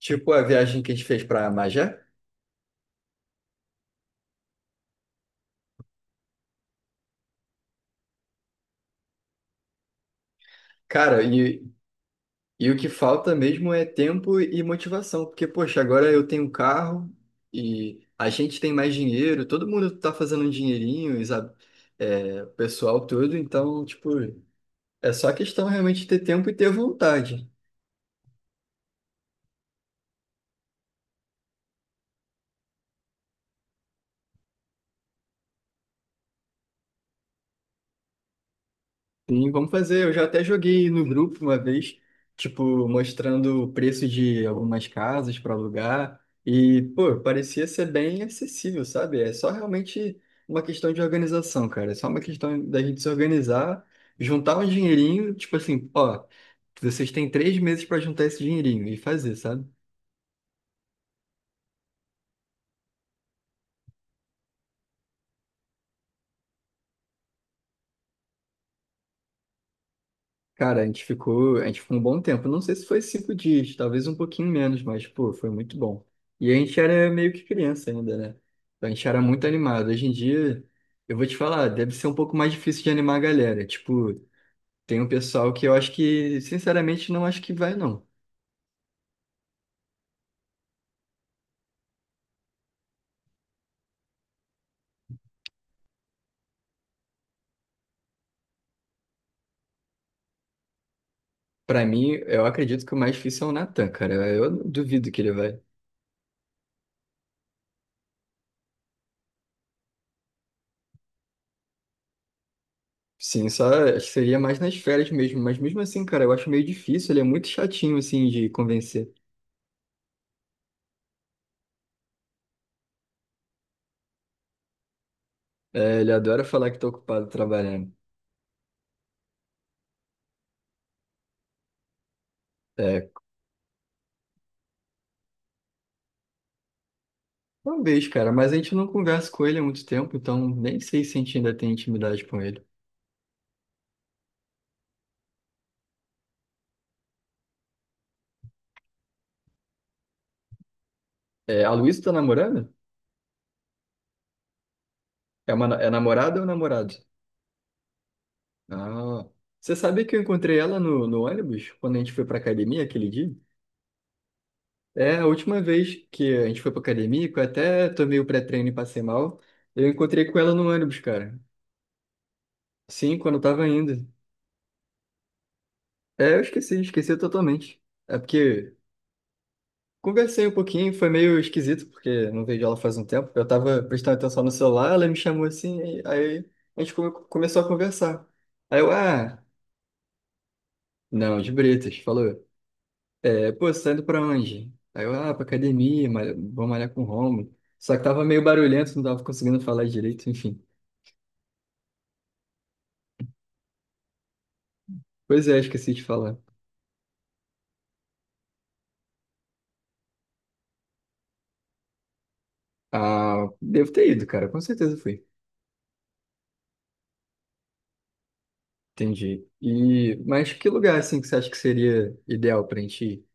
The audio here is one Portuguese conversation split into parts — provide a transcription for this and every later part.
Tipo a viagem que a gente fez pra Magé. Cara, e o que falta mesmo é tempo e motivação. Porque, poxa, agora eu tenho um carro e a gente tem mais dinheiro, todo mundo tá fazendo um dinheirinho, sabe? É, o pessoal todo, então, tipo, é só questão realmente de ter tempo e ter vontade. Sim, vamos fazer. Eu já até joguei no grupo uma vez, tipo, mostrando o preço de algumas casas para alugar. E, pô, parecia ser bem acessível, sabe? É só realmente uma questão de organização, cara. É só uma questão da gente se organizar, juntar um dinheirinho, tipo assim, ó, vocês têm 3 meses para juntar esse dinheirinho e fazer, sabe? Cara, a gente ficou um bom tempo. Não sei se foi 5 dias, talvez um pouquinho menos, mas, pô, foi muito bom. E a gente era meio que criança ainda, né? Então a gente era muito animado. Hoje em dia, eu vou te falar, deve ser um pouco mais difícil de animar a galera. Tipo, tem um pessoal que eu acho que, sinceramente, não acho que vai, não. Pra mim, eu acredito que o mais difícil é o Natan, cara. Eu duvido que ele vai. Sim, só acho que seria mais nas férias mesmo. Mas mesmo assim, cara, eu acho meio difícil. Ele é muito chatinho, assim, de convencer. É, ele adora falar que tá ocupado trabalhando. É, talvez, cara, mas a gente não conversa com ele há muito tempo, então nem sei se a gente ainda tem intimidade com ele. É, a Luísa tá namorando? É, uma, é namorada ou namorado? Ah, você sabe que eu encontrei ela no ônibus quando a gente foi pra academia aquele dia? É, a última vez que a gente foi pra academia, que eu até tomei o pré-treino e passei mal, eu encontrei com ela no ônibus, cara. Sim, quando eu tava indo. É, eu esqueci, esqueci totalmente. É porque Conversei um pouquinho, foi meio esquisito, porque não vejo ela faz um tempo. Eu tava prestando atenção no celular, ela me chamou assim, e aí a gente começou a conversar. Aí eu, ah, não, de Bretas, falou. É, pô, você tá indo pra onde? Aí eu, ah, pra academia, vou malhar com o Romulo. Só que tava meio barulhento, não tava conseguindo falar direito, enfim. Pois é, esqueci de falar. Ah, devo ter ido, cara, com certeza fui. Entendi. E, mas que lugar, assim, que você acha que seria ideal pra gente ir?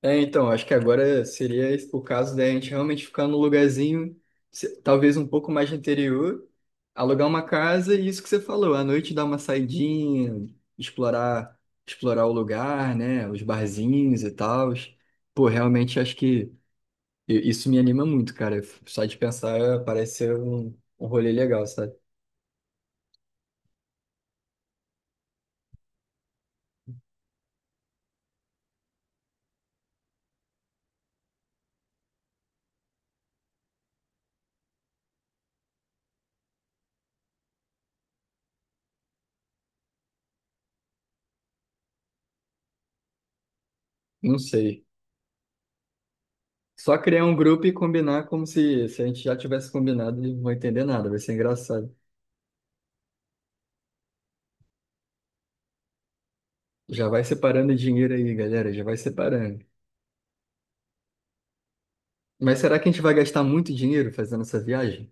É, então, acho que agora seria o caso da gente realmente ficar num lugarzinho, talvez um pouco mais de interior, alugar uma casa e isso que você falou, à noite dar uma saidinha, explorar, explorar o lugar, né, os barzinhos e tal. Pô, realmente acho que isso me anima muito, cara. Só de pensar parece ser um, um rolê legal, sabe? Não sei. Só criar um grupo e combinar como se a gente já tivesse combinado, e não vou entender nada, vai ser engraçado. Já vai separando dinheiro aí, galera. Já vai separando. Mas será que a gente vai gastar muito dinheiro fazendo essa viagem?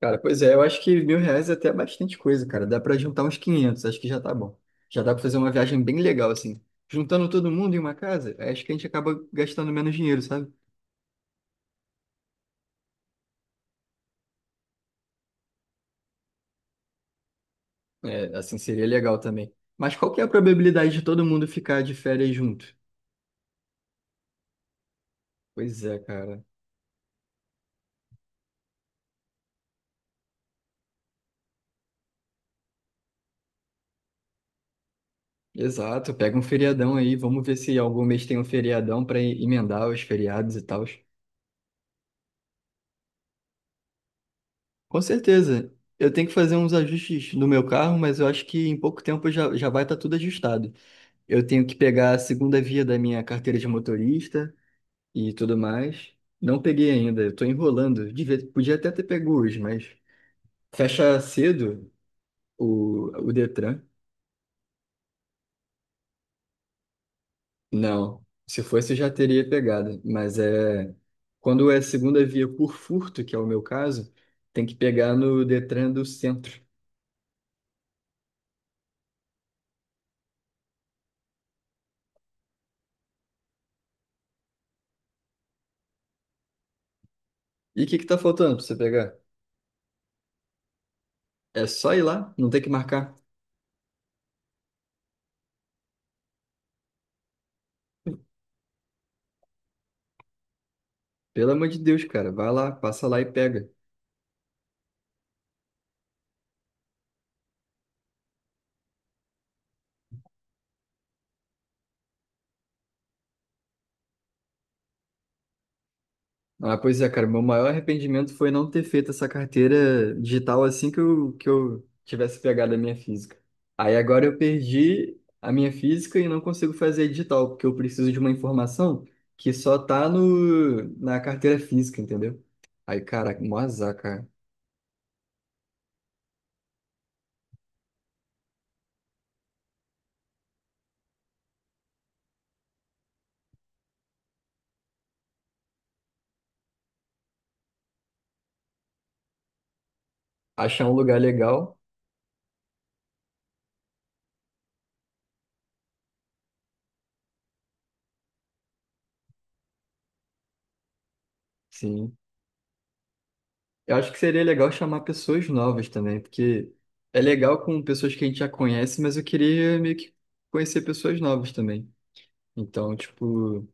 Cara, pois é, eu acho que R$ 1.000 é até bastante coisa, cara. Dá pra juntar uns 500 acho que já tá bom. Já dá pra fazer uma viagem bem legal, assim. Juntando todo mundo em uma casa, acho que a gente acaba gastando menos dinheiro, sabe? É, assim, seria legal também. Mas qual que é a probabilidade de todo mundo ficar de férias junto? Pois é, cara. Exato, pega um feriadão aí, vamos ver se algum mês tem um feriadão pra emendar os feriados e tal. Com certeza. Eu tenho que fazer uns ajustes no meu carro, mas eu acho que em pouco tempo já vai estar tudo ajustado. Eu tenho que pegar a segunda via da minha carteira de motorista e tudo mais. Não peguei ainda, eu tô enrolando. Podia até ter pego hoje, mas fecha cedo o Detran. Não, se fosse eu já teria pegado, mas é quando é segunda via por furto, que é o meu caso, tem que pegar no Detran do centro. E o que que tá faltando para você pegar? É só ir lá, não tem que marcar. Pelo amor de Deus, cara, vai lá, passa lá e pega. Ah, pois é, cara, meu maior arrependimento foi não ter feito essa carteira digital assim que eu tivesse pegado a minha física. Aí agora eu perdi a minha física e não consigo fazer a digital, porque eu preciso de uma informação que só tá no, na carteira física, entendeu? Aí, cara, mó azar, cara. Achar um lugar legal, sim. Eu acho que seria legal chamar pessoas novas também, porque é legal com pessoas que a gente já conhece, mas eu queria meio que conhecer pessoas novas também. Então, tipo,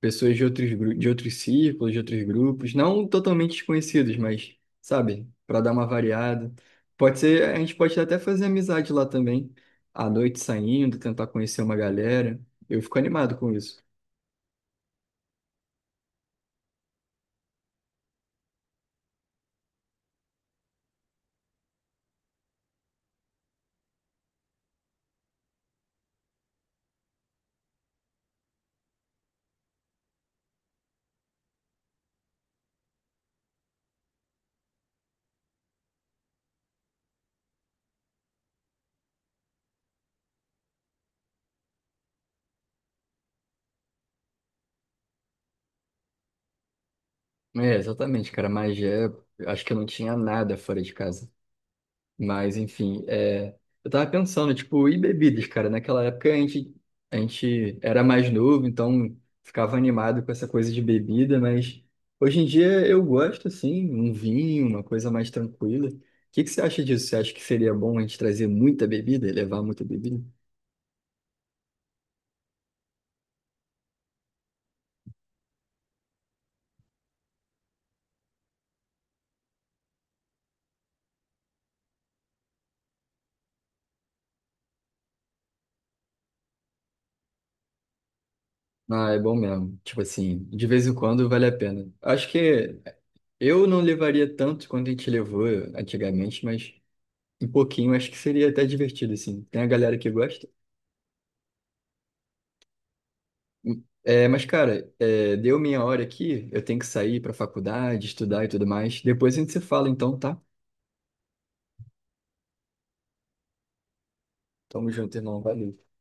pessoas de outros, de outros círculos, de outros grupos, não totalmente desconhecidos, mas, sabe, para dar uma variada. Pode ser, a gente pode até fazer amizade lá também, à noite saindo, tentar conhecer uma galera. Eu fico animado com isso. É, exatamente, cara, mas é, acho que eu não tinha nada fora de casa. Mas, enfim, é, eu tava pensando, tipo, e bebidas, cara? Naquela época a gente era mais novo, então ficava animado com essa coisa de bebida, mas hoje em dia eu gosto, assim, um vinho, uma coisa mais tranquila. O que que você acha disso? Você acha que seria bom a gente trazer muita bebida, levar muita bebida? Ah, é bom mesmo. Tipo assim, de vez em quando vale a pena. Acho que eu não levaria tanto quanto a gente levou antigamente, mas um pouquinho acho que seria até divertido, assim. Tem a galera que gosta? É, mas, cara, é, deu minha hora aqui. Eu tenho que sair pra faculdade, estudar e tudo mais. Depois a gente se fala, então, tá? Tamo junto, irmão. Valeu.